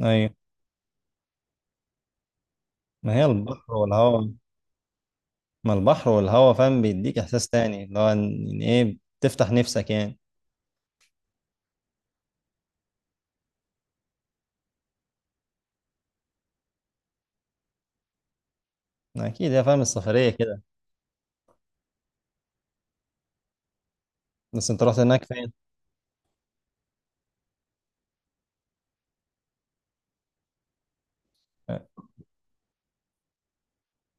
ايوه، ما هي البحر والهواء. ما البحر والهواء فاهم بيديك احساس تاني اللي هو ان إن ايه بتفتح نفسك يعني. اكيد يا فاهم، السفريه كده. بس انت رحت هناك فين؟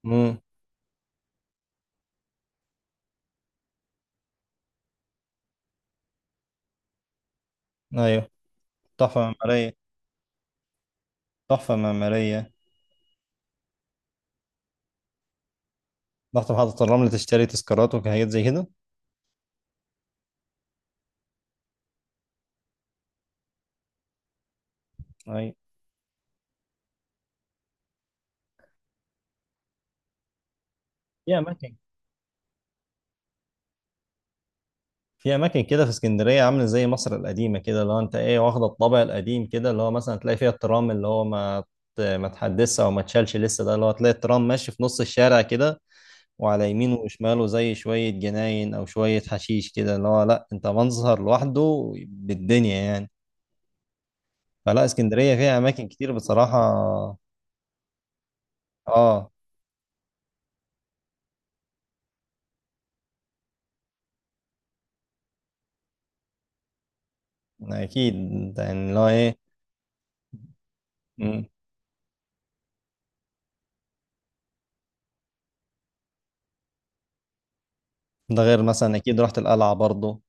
امم. ايوه. تحفه معماريه. تحفه معماريه. رحت محطه الرمل تشتري تذكارات وحاجات زي كده؟ ايوه، في اماكن. في اماكن كده في اسكندريه عامله زي مصر القديمه كده، اللي هو انت ايه واخده الطابع القديم كده، اللي هو مثلا تلاقي فيها الترام اللي هو ما تحدثش او ما تشالش لسه، ده اللي هو تلاقي الترام ماشي في نص الشارع كده، وعلى يمينه وشماله زي شوية جناين أو شوية حشيش كده، اللي هو لأ أنت منظر لوحده بالدنيا يعني. فلا، اسكندرية فيها أماكن كتير بصراحة. آه. أكيد، يعني اللي هو إيه. مم. ده غير مثلا، أكيد رحت القلعة برضه.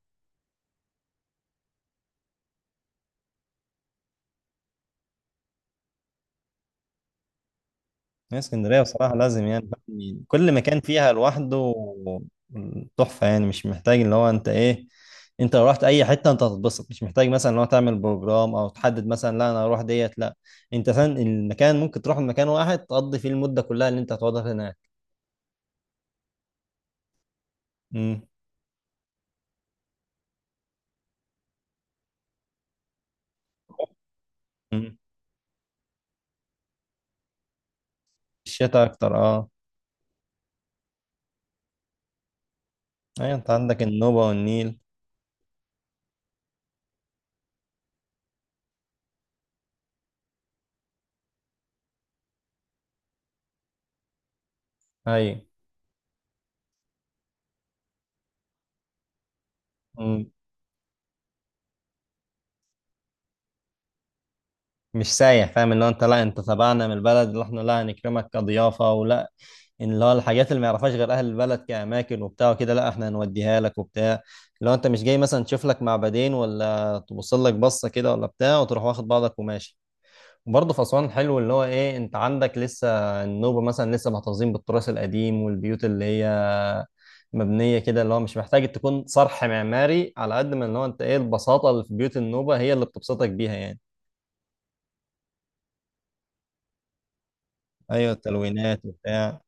هي اسكندرية بصراحة لازم، يعني فاهم، كل مكان فيها لوحده. تحفة يعني، مش محتاج اللي هو انت ايه. انت لو رحت اي حتة انت هتتبسط، مش محتاج مثلا اللي هو تعمل بروجرام او تحدد مثلا لا انا هروح ديت، لا، انت فاهم المكان ممكن تروح مكان واحد تقضي فيه المدة كلها اللي انت هتقعدها هناك. امم. امم. الشتاء اكتر، اه. ايوه، انت عندك النوبة والنيل. ايوه، مش سايح، فاهم اللي هو انت لا انت تبعنا من البلد اللي احنا، لا هنكرمك كضيافه ولا إن اللي هو الحاجات اللي ما يعرفهاش غير اهل البلد كاماكن وبتاع وكده، لا احنا هنوديها لك وبتاع. لو انت مش جاي مثلا تشوف لك معبدين ولا تبص لك بصه كده ولا بتاع وتروح واخد بعضك وماشي. وبرضه في اسوان حلو اللي هو ايه، انت عندك لسه النوبه مثلا لسه محتفظين بالتراث القديم، والبيوت اللي هي مبنيه كده، اللي هو مش محتاج تكون صرح معماري على قد ما اللي هو انت ايه البساطه اللي في بيوت النوبه هي اللي بتبسطك بيها يعني. ايوه، التلوينات وبتاع.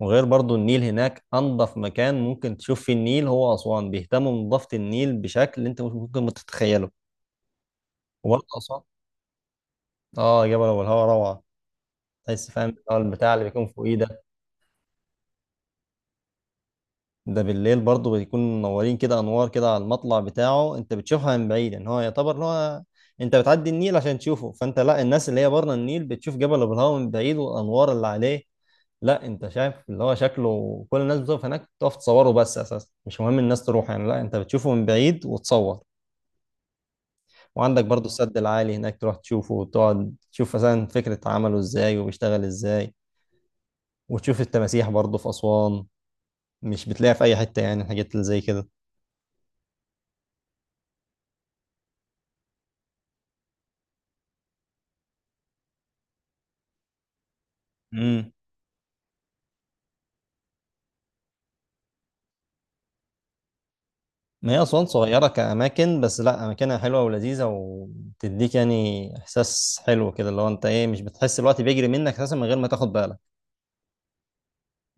وغير برضو النيل هناك انضف مكان ممكن تشوف فيه النيل هو اسوان، بيهتموا بنظافه النيل بشكل انت مش ممكن ما تتخيله. وبرضه اسوان. اه، جبل ابو الهوا روعه. تحس فاهم اللي هو البتاع اللي بيكون فوقيه ده. ده بالليل برضه بيكون منورين كده انوار كده على المطلع بتاعه، انت بتشوفها من بعيد ان هو يعتبر ان هو انت بتعدي النيل عشان تشوفه، فانت لا، الناس اللي هي بره النيل بتشوف جبل ابو الهوا من بعيد والانوار اللي عليه. لا انت شايف اللي هو شكله كل الناس بتقف هناك، تقف تصوره، بس اساسا مش مهم الناس تروح يعني، لا انت بتشوفه من بعيد وتصور. وعندك برضو السد العالي هناك، تروح تشوفه وتقعد تشوف مثلا فكرة عمله ازاي وبيشتغل ازاي. وتشوف التماسيح برضو في أسوان، مش بتلاقيها في أي حتة يعني، الحاجات اللي زي كده. امم. ما هي أسوان صغيرة كأماكن، بس لا أماكنها حلوة ولذيذة وتديك يعني إحساس حلو كده، اللي هو أنت إيه مش بتحس الوقت بيجري منك أساسا من غير ما تاخد بالك.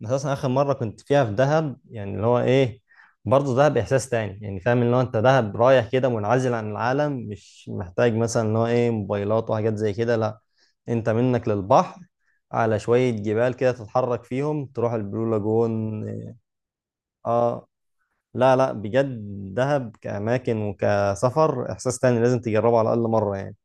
اساسا اخر مره كنت فيها في دهب، يعني اللي هو ايه برضه دهب احساس تاني يعني، فاهم اللي هو انت دهب رايح كده منعزل عن العالم، مش محتاج مثلا اللي هو ايه موبايلات وحاجات زي كده، لا، انت منك للبحر على شويه جبال كده تتحرك فيهم تروح البلو لاجون. اه. لا لا، بجد، دهب كاماكن وكسفر احساس تاني، لازم تجربه على الاقل مره يعني.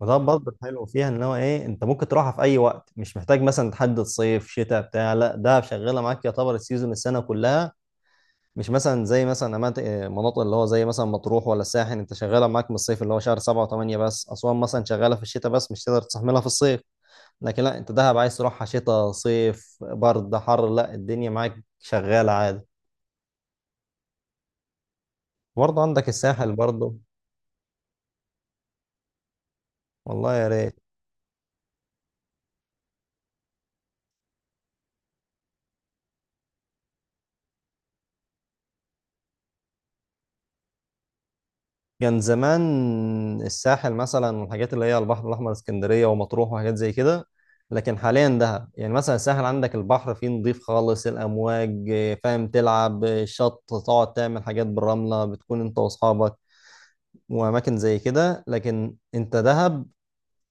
وده برضه الحلو فيها ان هو ايه، انت ممكن تروحها في اي وقت، مش محتاج مثلا تحدد صيف شتاء بتاع، لا ده شغاله معاك يعتبر السيزون السنه كلها. مش مثلا زي مثلا أماكن- مناطق اللي هو زي مثلا مطروح ولا الساحل، انت شغاله معاك من الصيف اللي هو شهر 7 و8 بس. اسوان مثلا شغاله في الشتاء بس، مش تقدر تستحملها في الصيف. لكن لا انت دهب عايز تروحها شتاء صيف برد حر، لا الدنيا معاك شغاله عادي. برضه عندك الساحل برضه. والله يا ريت. كان زمان الساحل مثلا والحاجات اللي هي البحر الأحمر، اسكندرية ومطروح وحاجات زي كده. لكن حاليا دهب يعني، مثلا الساحل عندك البحر فيه نظيف خالص، الأمواج فاهم تلعب الشط تقعد تعمل حاجات بالرملة، بتكون أنت وأصحابك وأماكن زي كده. لكن أنت دهب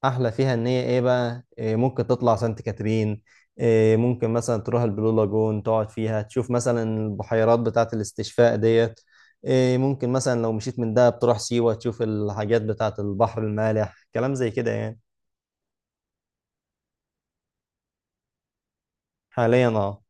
احلى فيها ان هي ايه بقى، إيه ممكن تطلع سانت كاترين، إيه ممكن مثلا تروح البلو لاجون تقعد فيها تشوف مثلا البحيرات بتاعه الاستشفاء ديت، إيه ممكن مثلا لو مشيت من دهب تروح سيوة تشوف الحاجات بتاعه البحر المالح، كلام زي كده يعني. حاليا اه.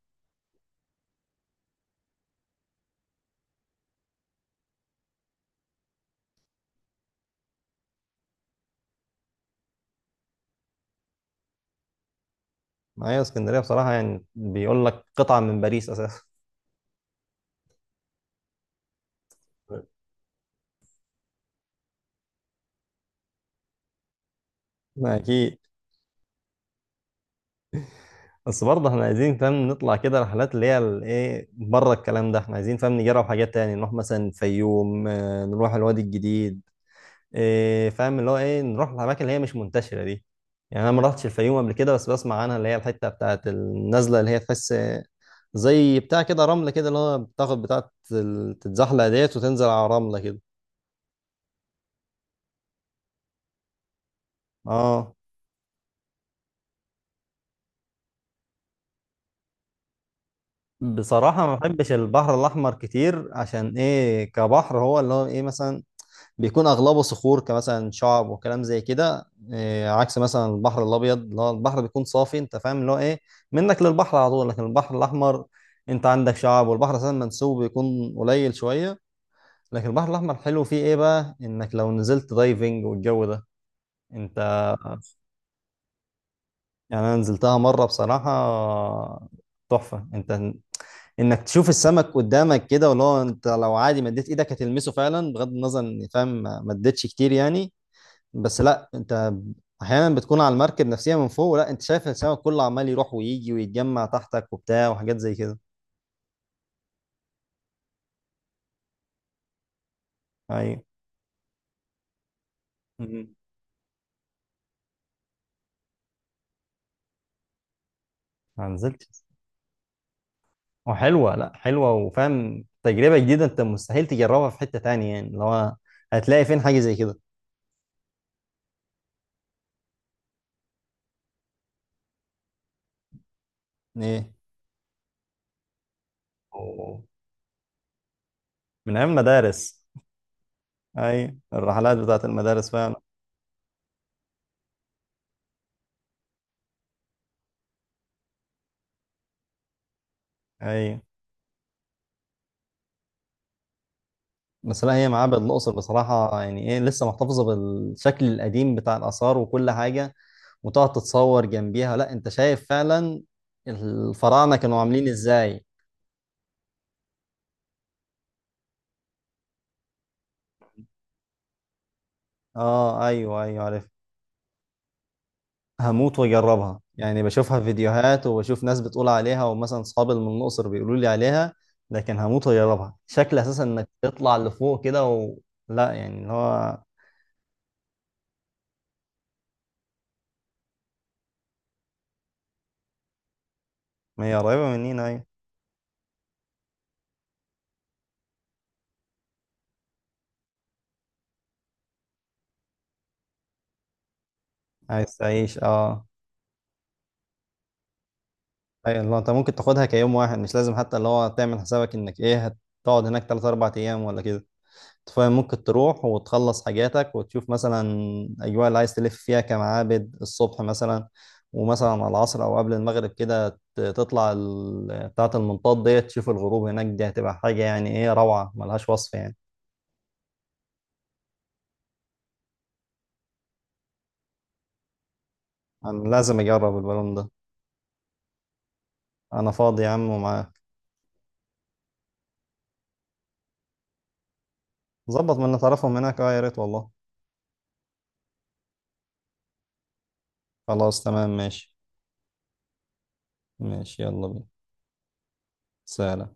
معايا اسكندريه بصراحه، يعني بيقول لك قطعه من باريس اساسا. اكيد. بس برضه احنا عايزين فاهم نطلع كده رحلات اللي هي ال- ايه بره الكلام ده، احنا عايزين فاهم نجرب حاجات تاني، نروح مثلا الفيوم، آه، نروح الوادي الجديد. إيه فاهم اللي هو ايه، نروح الاماكن اللي هي مش منتشره دي. يعني انا ما رحتش الفيوم قبل كده، بس بسمع عنها اللي هي الحته بتاعت النزله اللي هي تحس زي بتاع كده رمل كده، اللي هو بتاخد بتاعت ال- تتزحلق ديت وتنزل على رمله كده. اه. بصراحه ما بحبش البحر الاحمر كتير عشان ايه، كبحر هو اللي هو ايه مثلا بيكون اغلبه صخور كمثلا شعب وكلام زي كده. إيه، عكس مثلا البحر الابيض اللي هو البحر بيكون صافي، انت فاهم اللي هو ايه منك للبحر على طول. لكن البحر الاحمر انت عندك شعب، والبحر اساسا منسوب بيكون قليل شويه. لكن البحر الاحمر حلو فيه ايه بقى، انك لو نزلت دايفنج والجو ده انت يعني. انا نزلتها مره بصراحه، تحفه، انت انك تشوف السمك قدامك كده، واللي هو انت لو عادي مديت ايدك هتلمسه فعلا، بغض النظر ان فاهم ما مديتش كتير يعني، بس لا انت احيانا بتكون على المركب نفسيا من فوق، لا انت شايف السمك كله عمال يروح ويجي ويتجمع تحتك وبتاع وحاجات زي كده. ايوه. مم. ما نزلتش. وحلوه، لا حلوه وفاهم، تجربه جديده انت مستحيل تجربها في حته تانية يعني، اللي هو هتلاقي فين حاجه زي كده. ايه. أوه. من ايام مدارس. ايوه، الرحلات بتاعت المدارس فعلا. ايوه، بس لا هي معابد الاقصر بصراحه يعني ايه لسه محتفظه بالشكل القديم بتاع الاثار وكل حاجه. وتقعد تتصور جنبيها، لا انت شايف فعلا الفراعنة كانوا عاملين ازاي. اه ايوه ايوه عارف. هموت واجربها، يعني بشوفها فيديوهات وبشوف ناس بتقول عليها، ومثلا صحابي من الاقصر بيقولوا لي عليها. لكن هموت واجربها، شكل اساسا انك تطلع لفوق كده و... لا يعني اللي هو. ما هي قريبة مننا، ايوه. عايز تعيش، اه. ايوه اللي هو انت ممكن تاخدها كيوم واحد، مش لازم حتى اللي هو تعمل حسابك انك ايه هتقعد هناك 3 4 ايام ولا كده. أنت فاهم ممكن تروح وتخلص حاجاتك وتشوف مثلا الاجواء اللي عايز تلف فيها كمعابد الصبح مثلا، ومثلا على العصر او قبل المغرب كده ت- تطلع ال- بتاعة المنطاد ديت تشوف الغروب هناك، دي هتبقى حاجة يعني ايه روعة ملهاش وصف يعني. انا لازم اجرب البالون ده. انا فاضي يا عم ومعاك. ظبط من اللي تعرفهم هناك، اه يا ريت والله. خلاص تمام ماشي. ماشي يلا بينا. سلام.